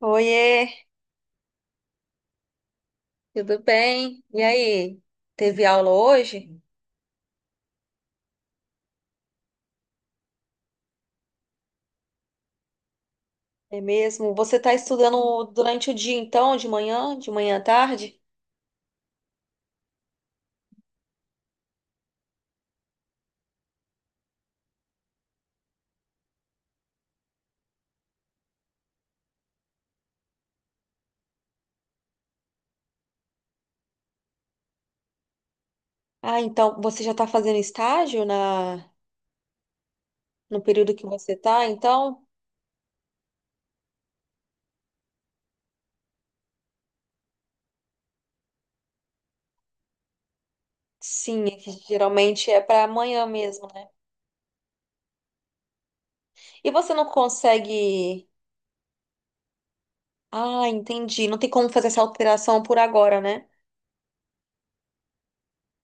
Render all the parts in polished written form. Oiê, tudo bem? E aí, teve aula hoje? É mesmo? Você está estudando durante o dia, então, de manhã à tarde? Ah, então, você já está fazendo estágio na, no período que você está, então? Sim, é que geralmente é para amanhã mesmo, né? E você não consegue. Ah, entendi. Não tem como fazer essa alteração por agora, né?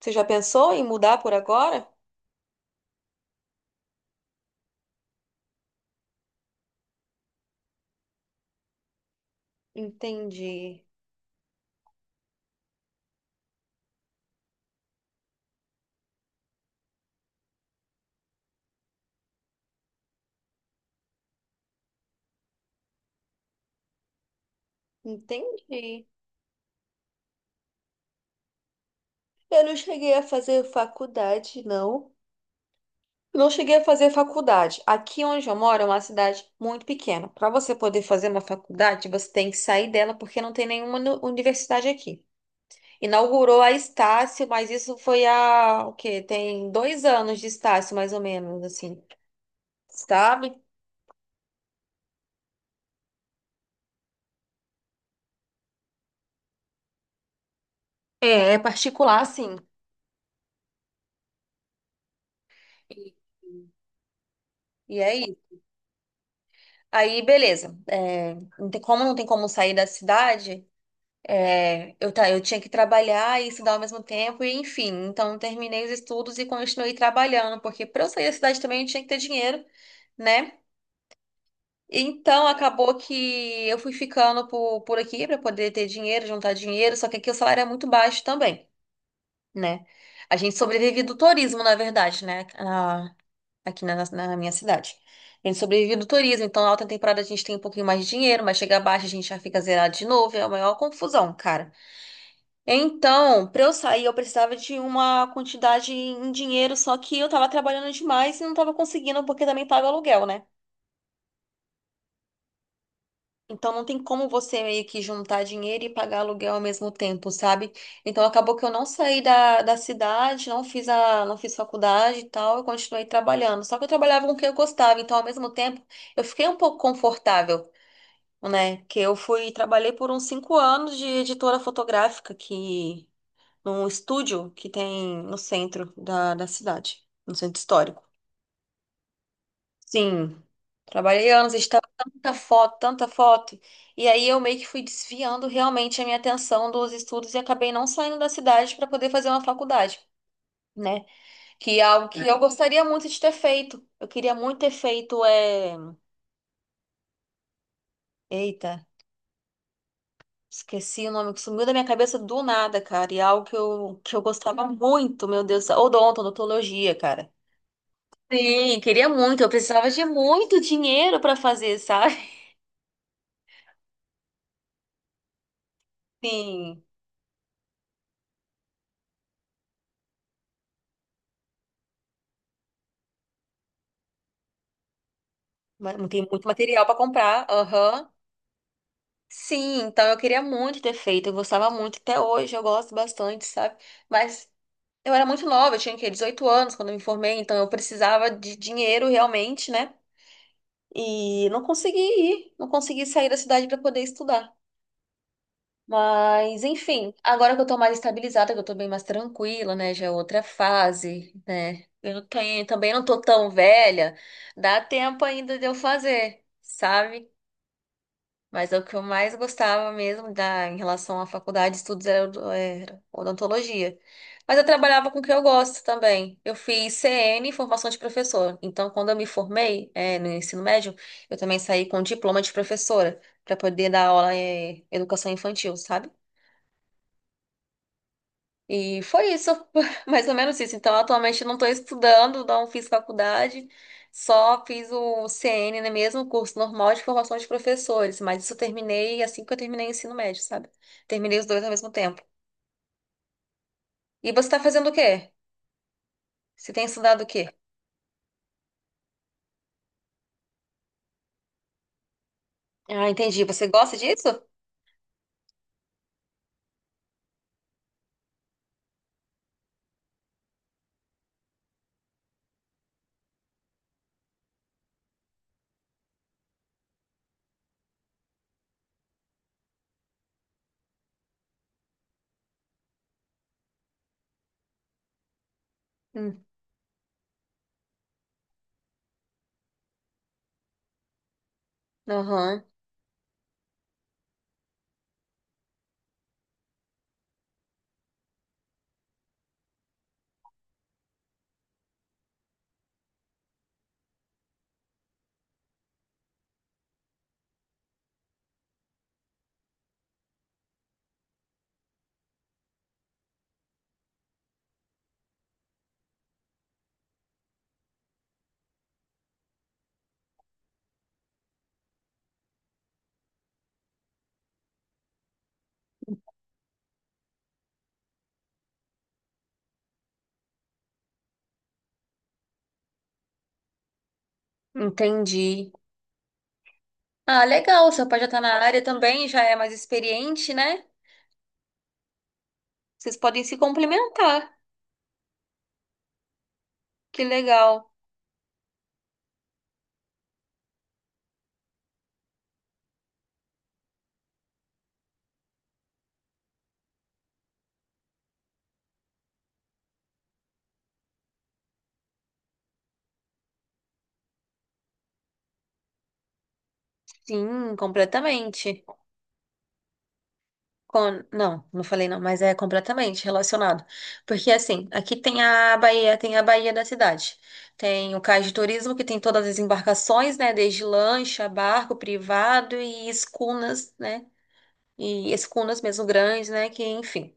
Você já pensou em mudar por agora? Entendi. Entendi. Eu não cheguei a fazer faculdade, não. Não cheguei a fazer faculdade. Aqui onde eu moro é uma cidade muito pequena. Para você poder fazer uma faculdade, você tem que sair dela porque não tem nenhuma universidade aqui. Inaugurou a Estácio, mas isso foi há o quê? Tem 2 anos de Estácio, mais ou menos, assim, sabe? É, é particular, sim. E, e aí? Aí, beleza. É, não tem como sair da cidade. É, eu tinha que trabalhar e estudar ao mesmo tempo, e enfim, então terminei os estudos e continuei trabalhando, porque para eu sair da cidade também eu tinha que ter dinheiro, né? Então acabou que eu fui ficando por aqui para poder ter dinheiro, juntar dinheiro, só que aqui o salário é muito baixo também, né? A gente sobrevive do turismo, na verdade, né? Ah, aqui na minha cidade. A gente sobrevive do turismo, então na alta temporada a gente tem um pouquinho mais de dinheiro, mas chega abaixo a gente já fica zerado de novo, é a maior confusão, cara. Então, para eu sair, eu precisava de uma quantidade em dinheiro, só que eu tava trabalhando demais e não tava conseguindo, porque também paga aluguel, né? Então não tem como você meio que juntar dinheiro e pagar aluguel ao mesmo tempo, sabe? Então acabou que eu não saí da cidade, não fiz faculdade e tal, eu continuei trabalhando. Só que eu trabalhava com o que eu gostava, então ao mesmo tempo eu fiquei um pouco confortável, né? Que eu fui, trabalhei por uns 5 anos de editora fotográfica que num estúdio que tem no centro da cidade, no centro histórico. Sim, trabalhei anos, estava tanta foto, tanta foto. E aí eu meio que fui desviando realmente a minha atenção dos estudos e acabei não saindo da cidade para poder fazer uma faculdade, né? Que é algo que eu gostaria muito de ter feito. Eu queria muito ter feito eita, esqueci o nome que sumiu da minha cabeça do nada, cara. E é algo que eu gostava muito, meu Deus, odonto, odontologia, cara. Sim, queria muito. Eu precisava de muito dinheiro para fazer, sabe? Sim, mas não tem muito material para comprar. Aham. Sim, então eu queria muito ter feito. Eu gostava muito. Até hoje eu gosto bastante, sabe? Mas eu era muito nova, eu tinha, o quê? 18 anos quando eu me formei, então eu precisava de dinheiro realmente, né? E não consegui ir, não consegui sair da cidade para poder estudar. Mas, enfim, agora que eu tô mais estabilizada, que eu tô bem mais tranquila, né? Já é outra fase, né? Eu não tenho- também não tô tão velha, dá tempo ainda de eu fazer, sabe? Mas é o que eu mais gostava mesmo da, em relação à faculdade de estudos era, era odontologia. Mas eu trabalhava com o que eu gosto também. Eu fiz CN, formação de professor. Então, quando eu me formei, no ensino médio, eu também saí com diploma de professora, para poder dar aula em educação infantil, sabe? E foi isso, mais ou menos isso. Então, atualmente eu não estou estudando, não fiz faculdade, só fiz o CN, né, mesmo o curso normal de formação de professores, mas isso eu terminei assim que eu terminei o ensino médio, sabe? Terminei os dois ao mesmo tempo. E você está fazendo o quê? Você tem estudado o quê? Ah, entendi. Você gosta disso? Hum. Aham, entendi. Ah, legal, seu pai já está na área também, já é mais experiente, né? Vocês podem se complementar. Que legal. Sim, completamente. Con- Não, não falei não, mas é completamente relacionado. Porque assim, aqui tem a Bahia da cidade. Tem o cais de turismo, que tem todas as embarcações, né? Desde lancha, barco privado e escunas, né? E escunas mesmo grandes, né? Que, enfim.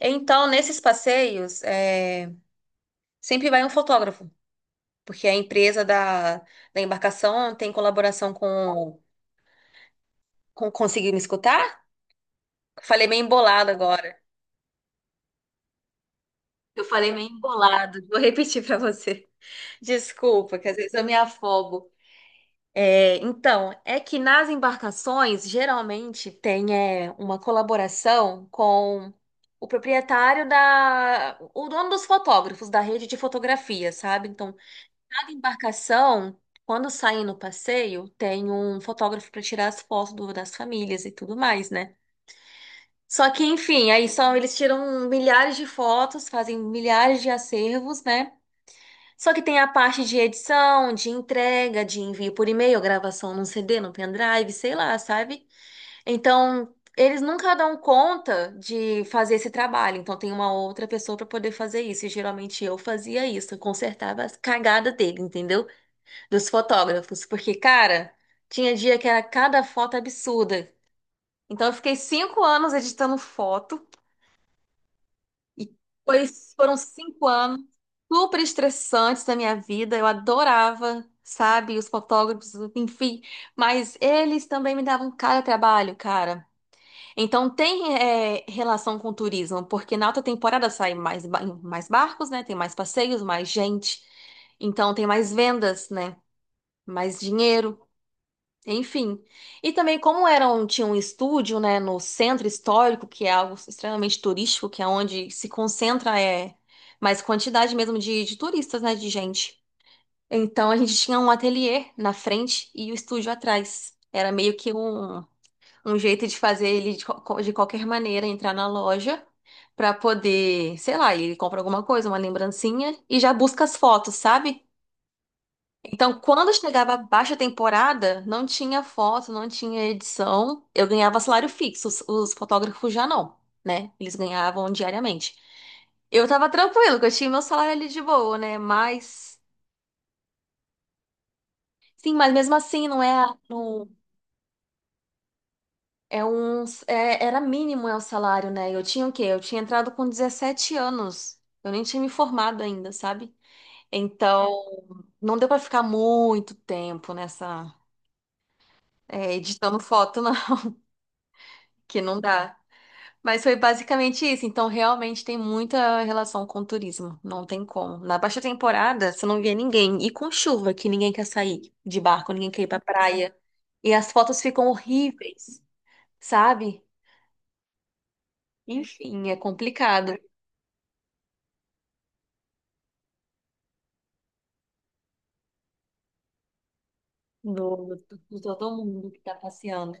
Então, nesses passeios, sempre vai um fotógrafo, porque a empresa da, da embarcação tem colaboração com... Conseguiu me escutar? Falei meio embolado agora. Eu falei meio embolado. Vou repetir para você. Desculpa, que às vezes eu me afogo. É, então, é que nas embarcações geralmente tem uma colaboração com o proprietário da, o dono dos fotógrafos da rede de fotografia, sabe? Então, cada embarcação, quando sai no passeio, tem um fotógrafo para tirar as fotos das famílias e tudo mais, né? Só que, enfim, aí são, eles tiram milhares de fotos, fazem milhares de acervos, né? Só que tem a parte de edição, de entrega, de envio por e-mail, gravação num CD, num pendrive, sei lá, sabe? Então, eles nunca dão conta de fazer esse trabalho. Então, tem uma outra pessoa para poder fazer isso. E geralmente eu fazia isso, eu consertava as cagadas dele, entendeu? Dos fotógrafos. Porque, cara, tinha dia que era cada foto absurda. Então, eu fiquei 5 anos editando foto. E pois foram 5 anos super estressantes da minha vida. Eu adorava, sabe, os fotógrafos, enfim. Mas eles também me davam cara trabalho, cara. Então tem relação com o turismo, porque na alta temporada saem mais, mais barcos, né? Tem mais passeios, mais gente. Então tem mais vendas, né? Mais dinheiro. Enfim. E também como era um, tinha um estúdio, né, no centro histórico, que é algo extremamente turístico, que é onde se concentra mais quantidade mesmo de turistas, né, de gente. Então a gente tinha um ateliê na frente e o estúdio atrás. Era meio que um jeito de fazer ele de, de qualquer maneira entrar na loja para poder, sei lá, ele compra alguma coisa, uma lembrancinha e já busca as fotos, sabe? Então, quando chegava a baixa temporada, não tinha foto, não tinha edição. Eu ganhava salário fixo, os fotógrafos já não, né? Eles ganhavam diariamente. Eu tava tranquilo, que eu tinha meu salário ali de boa, né? Mas, sim, mas mesmo assim, não é, não, é um, era mínimo é o salário, né? Eu tinha o quê? Eu tinha entrado com 17 anos. Eu nem tinha me formado ainda, sabe? Então, não deu pra ficar muito tempo nessa, editando foto, não, que não dá. Mas foi basicamente isso. Então, realmente tem muita relação com o turismo. Não tem como. Na baixa temporada, você não via ninguém. E com chuva, que ninguém quer sair de barco, ninguém quer ir pra praia. E as fotos ficam horríveis, sabe? Enfim, é complicado do, do todo mundo que tá passeando.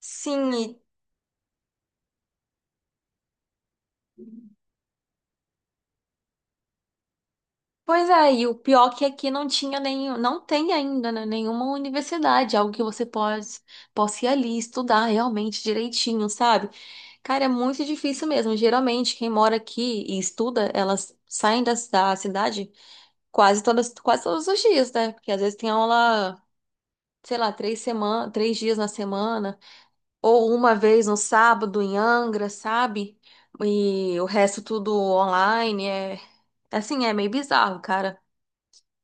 Sim, pois é, e o pior que aqui não tinha nenhum, não tem ainda, né, nenhuma universidade, algo que você pode, possa ir ali estudar realmente direitinho, sabe? Cara, é muito difícil mesmo. Geralmente, quem mora aqui e estuda, elas saem da cidade quase todas, quase todos os dias, né? Porque às vezes tem aula, sei lá, três semana, três dias na semana, ou uma vez no sábado em Angra, sabe? E o resto tudo online, é assim, é meio bizarro, cara.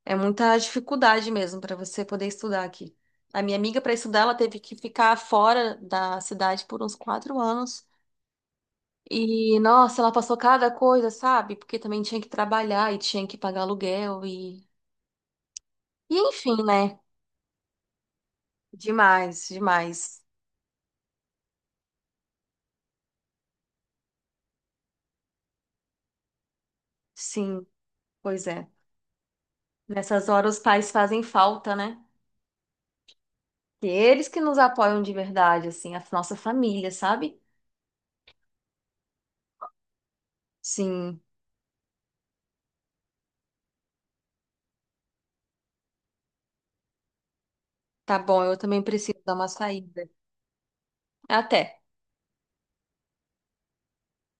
É muita dificuldade mesmo para você poder estudar aqui. A minha amiga, para estudar, ela teve que ficar fora da cidade por uns 4 anos. E, nossa, ela passou cada coisa, sabe? Porque também tinha que trabalhar e tinha que pagar aluguel e... E, enfim, né? Demais, demais. Sim, pois é. Nessas horas os pais fazem falta, né? E eles que nos apoiam de verdade, assim, a nossa família, sabe? Sim, tá bom, eu também preciso dar uma saída. Até.